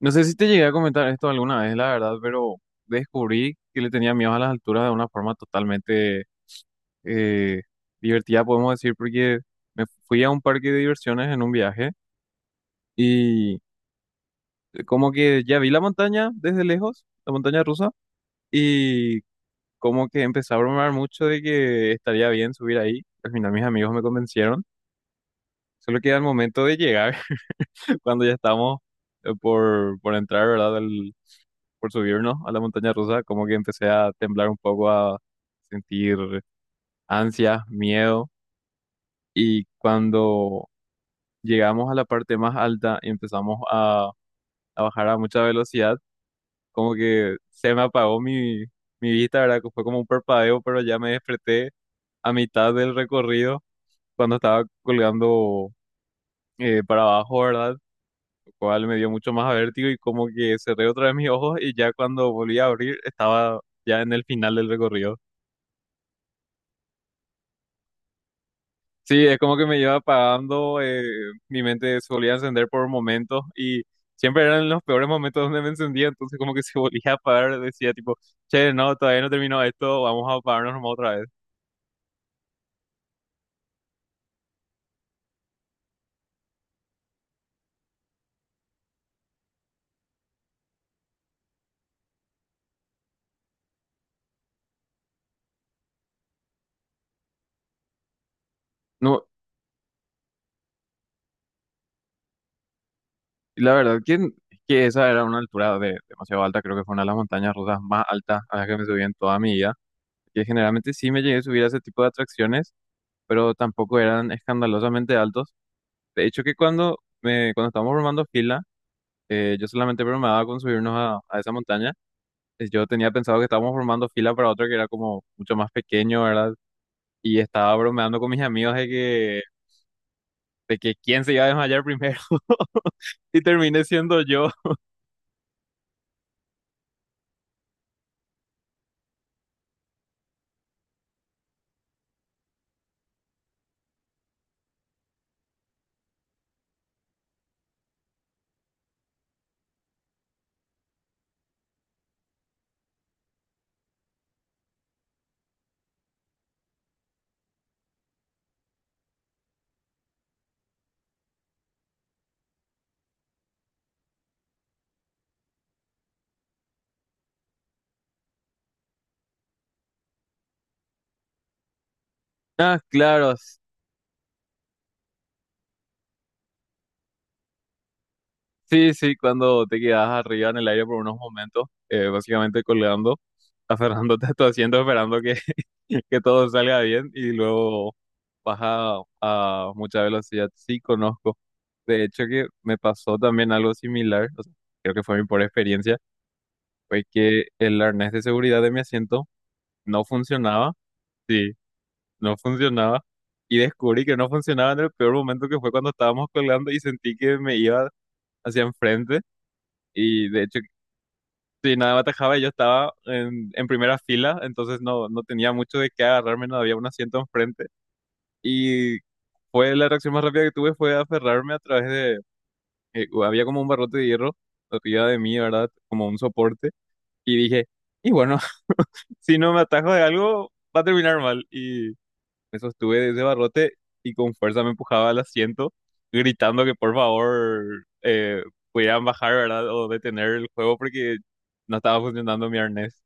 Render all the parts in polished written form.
No sé si te llegué a comentar esto alguna vez, la verdad, pero descubrí que le tenía miedo a las alturas de una forma totalmente eh, divertida, podemos decir, porque me fui a un parque de diversiones en un viaje y como que ya vi la montaña desde lejos, la montaña rusa, y como que empecé a bromear mucho de que estaría bien subir ahí. Al final mis amigos me convencieron, solo que al momento de llegar, cuando ya estamos por entrar, ¿verdad? Por subirnos a la montaña rusa, como que empecé a temblar un poco, a sentir ansia, miedo. Y cuando llegamos a la parte más alta y empezamos a bajar a mucha velocidad, como que se me apagó mi vista, ¿verdad? Que Fue como un parpadeo, pero ya me desperté a mitad del recorrido cuando estaba colgando para abajo, ¿verdad? Lo cual me dio mucho más vértigo y como que cerré otra vez mis ojos y ya cuando volví a abrir estaba ya en el final del recorrido. Sí, es como que me iba apagando, mi mente solía encender por momentos y siempre eran los peores momentos donde me encendía, entonces como que se volvía a apagar, decía tipo, che, no, todavía no terminó esto, vamos a apagarnos nomás otra vez. No, la verdad que esa era una altura de, demasiado alta, creo que fue una de las montañas rusas más altas a las que me subí en toda mi vida, que generalmente sí me llegué a subir a ese tipo de atracciones, pero tampoco eran escandalosamente altos. De hecho que cuando, me, cuando estábamos formando fila, yo solamente bromaba con subirnos a esa montaña yo tenía pensado que estábamos formando fila para otro que era como mucho más pequeño, ¿verdad? Y estaba bromeando con mis amigos de que quién se iba a desmayar primero. Y terminé siendo yo. Ah, claro. Sí, sí, cuando te quedas arriba en el aire por unos momentos, básicamente colgando, aferrándote a tu asiento, esperando que todo salga bien y luego baja a mucha velocidad. Sí, conozco. De hecho, que me pasó también algo similar. O sea, creo que fue mi pobre experiencia fue que el arnés de seguridad de mi asiento no funcionaba, sí, no funcionaba, y descubrí que no funcionaba en el peor momento que fue cuando estábamos colgando y sentí que me iba hacia enfrente y de hecho, si nada me atajaba, yo estaba en primera fila, entonces no, no tenía mucho de qué agarrarme, no había un asiento enfrente y fue la reacción más rápida que tuve fue aferrarme a través de, había como un barrote de hierro arriba de mí, ¿verdad? Como un soporte y dije... Y bueno, si no me atajo de algo, va a terminar mal. Y me sostuve de ese barrote y con fuerza me empujaba al asiento, gritando que por favor pudieran bajar, ¿verdad? O detener el juego porque no estaba funcionando mi arnés.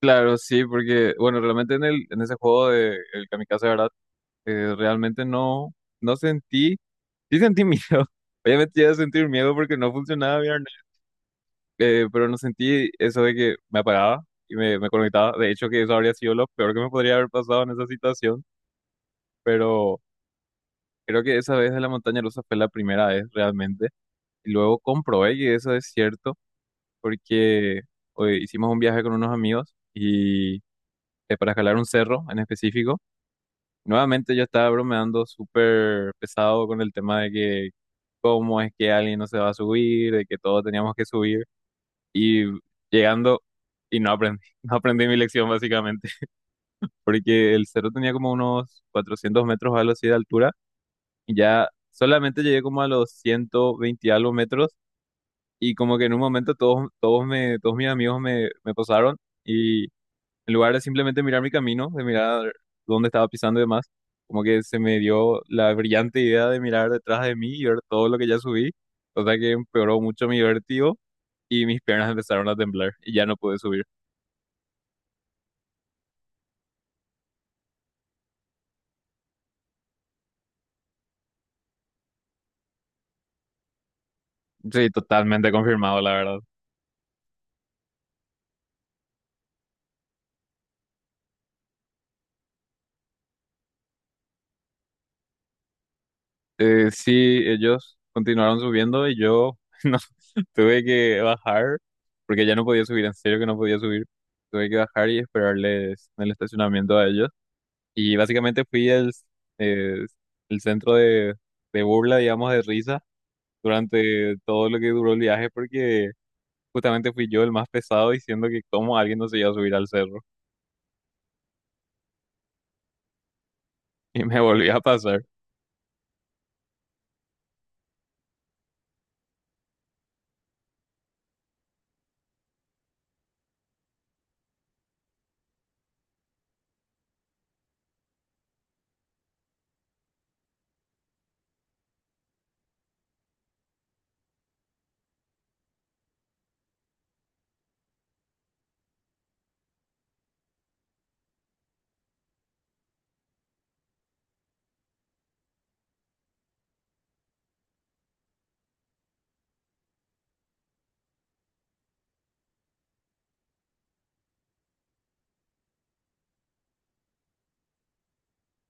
Claro, sí, porque, bueno, realmente en ese juego de el Kamikaze, ¿verdad? Realmente no, No sentí, sí sentí miedo. Obviamente llegué a sentir miedo porque no funcionaba bien pero no sentí eso de que me apagaba y me conectaba. De hecho, que eso habría sido lo peor que me podría haber pasado en esa situación, pero creo que esa vez de la montaña rusa fue la primera vez realmente. Y luego comprobé que eso es cierto porque hoy hicimos un viaje con unos amigos y para escalar un cerro en específico. Nuevamente yo estaba bromeando súper pesado con el tema de que cómo es que alguien no se va a subir, de que todos teníamos que subir. Y llegando y no aprendí, no aprendí mi lección básicamente, porque el cerro tenía como unos 400 metros o algo así de altura y ya solamente llegué como a los 120 y algo metros y como que en un momento todos mis amigos me posaron y en lugar de simplemente mirar mi camino, de mirar dónde estaba pisando y demás, como que se me dio la brillante idea de mirar detrás de mí y ver todo lo que ya subí, o sea que empeoró mucho mi vértigo y mis piernas empezaron a temblar y ya no pude subir. Sí, totalmente confirmado, la verdad. Sí, ellos continuaron subiendo y yo no tuve que bajar porque ya no podía subir, en serio que no podía subir. Tuve que bajar y esperarles en el estacionamiento a ellos. Y básicamente fui eh, el centro de burla, digamos, de risa durante todo lo que duró el viaje porque justamente fui yo el más pesado diciendo que cómo alguien no se iba a subir al cerro y me volví a pasar.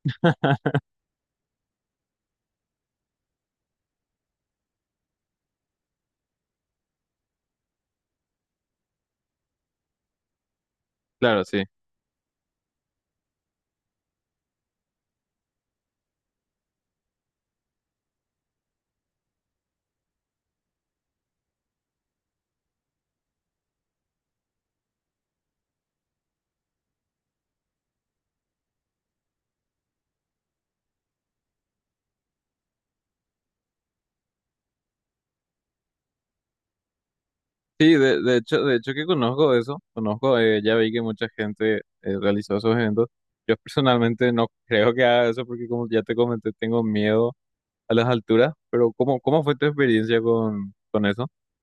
Claro, sí. Sí, de hecho que conozco eso, conozco, ya vi que mucha gente realizó esos eventos. Yo personalmente no creo que haga eso porque como ya te comenté, tengo miedo a las alturas, pero cómo fue tu experiencia con eso?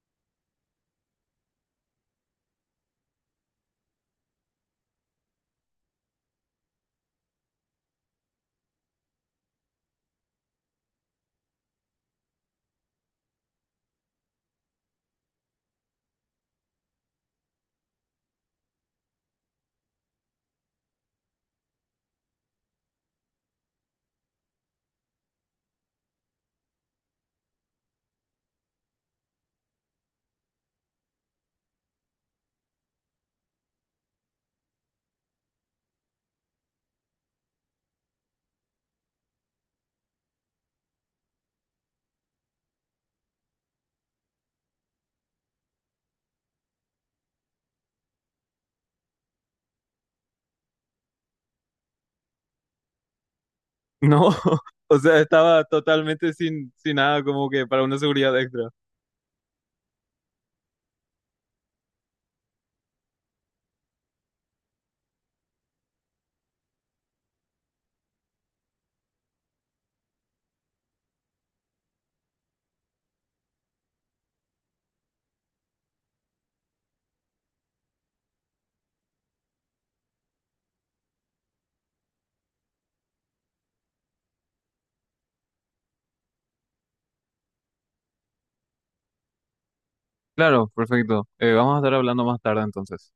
No, o sea, estaba totalmente sin nada como que para una seguridad extra. Claro, perfecto. Vamos a estar hablando más tarde entonces.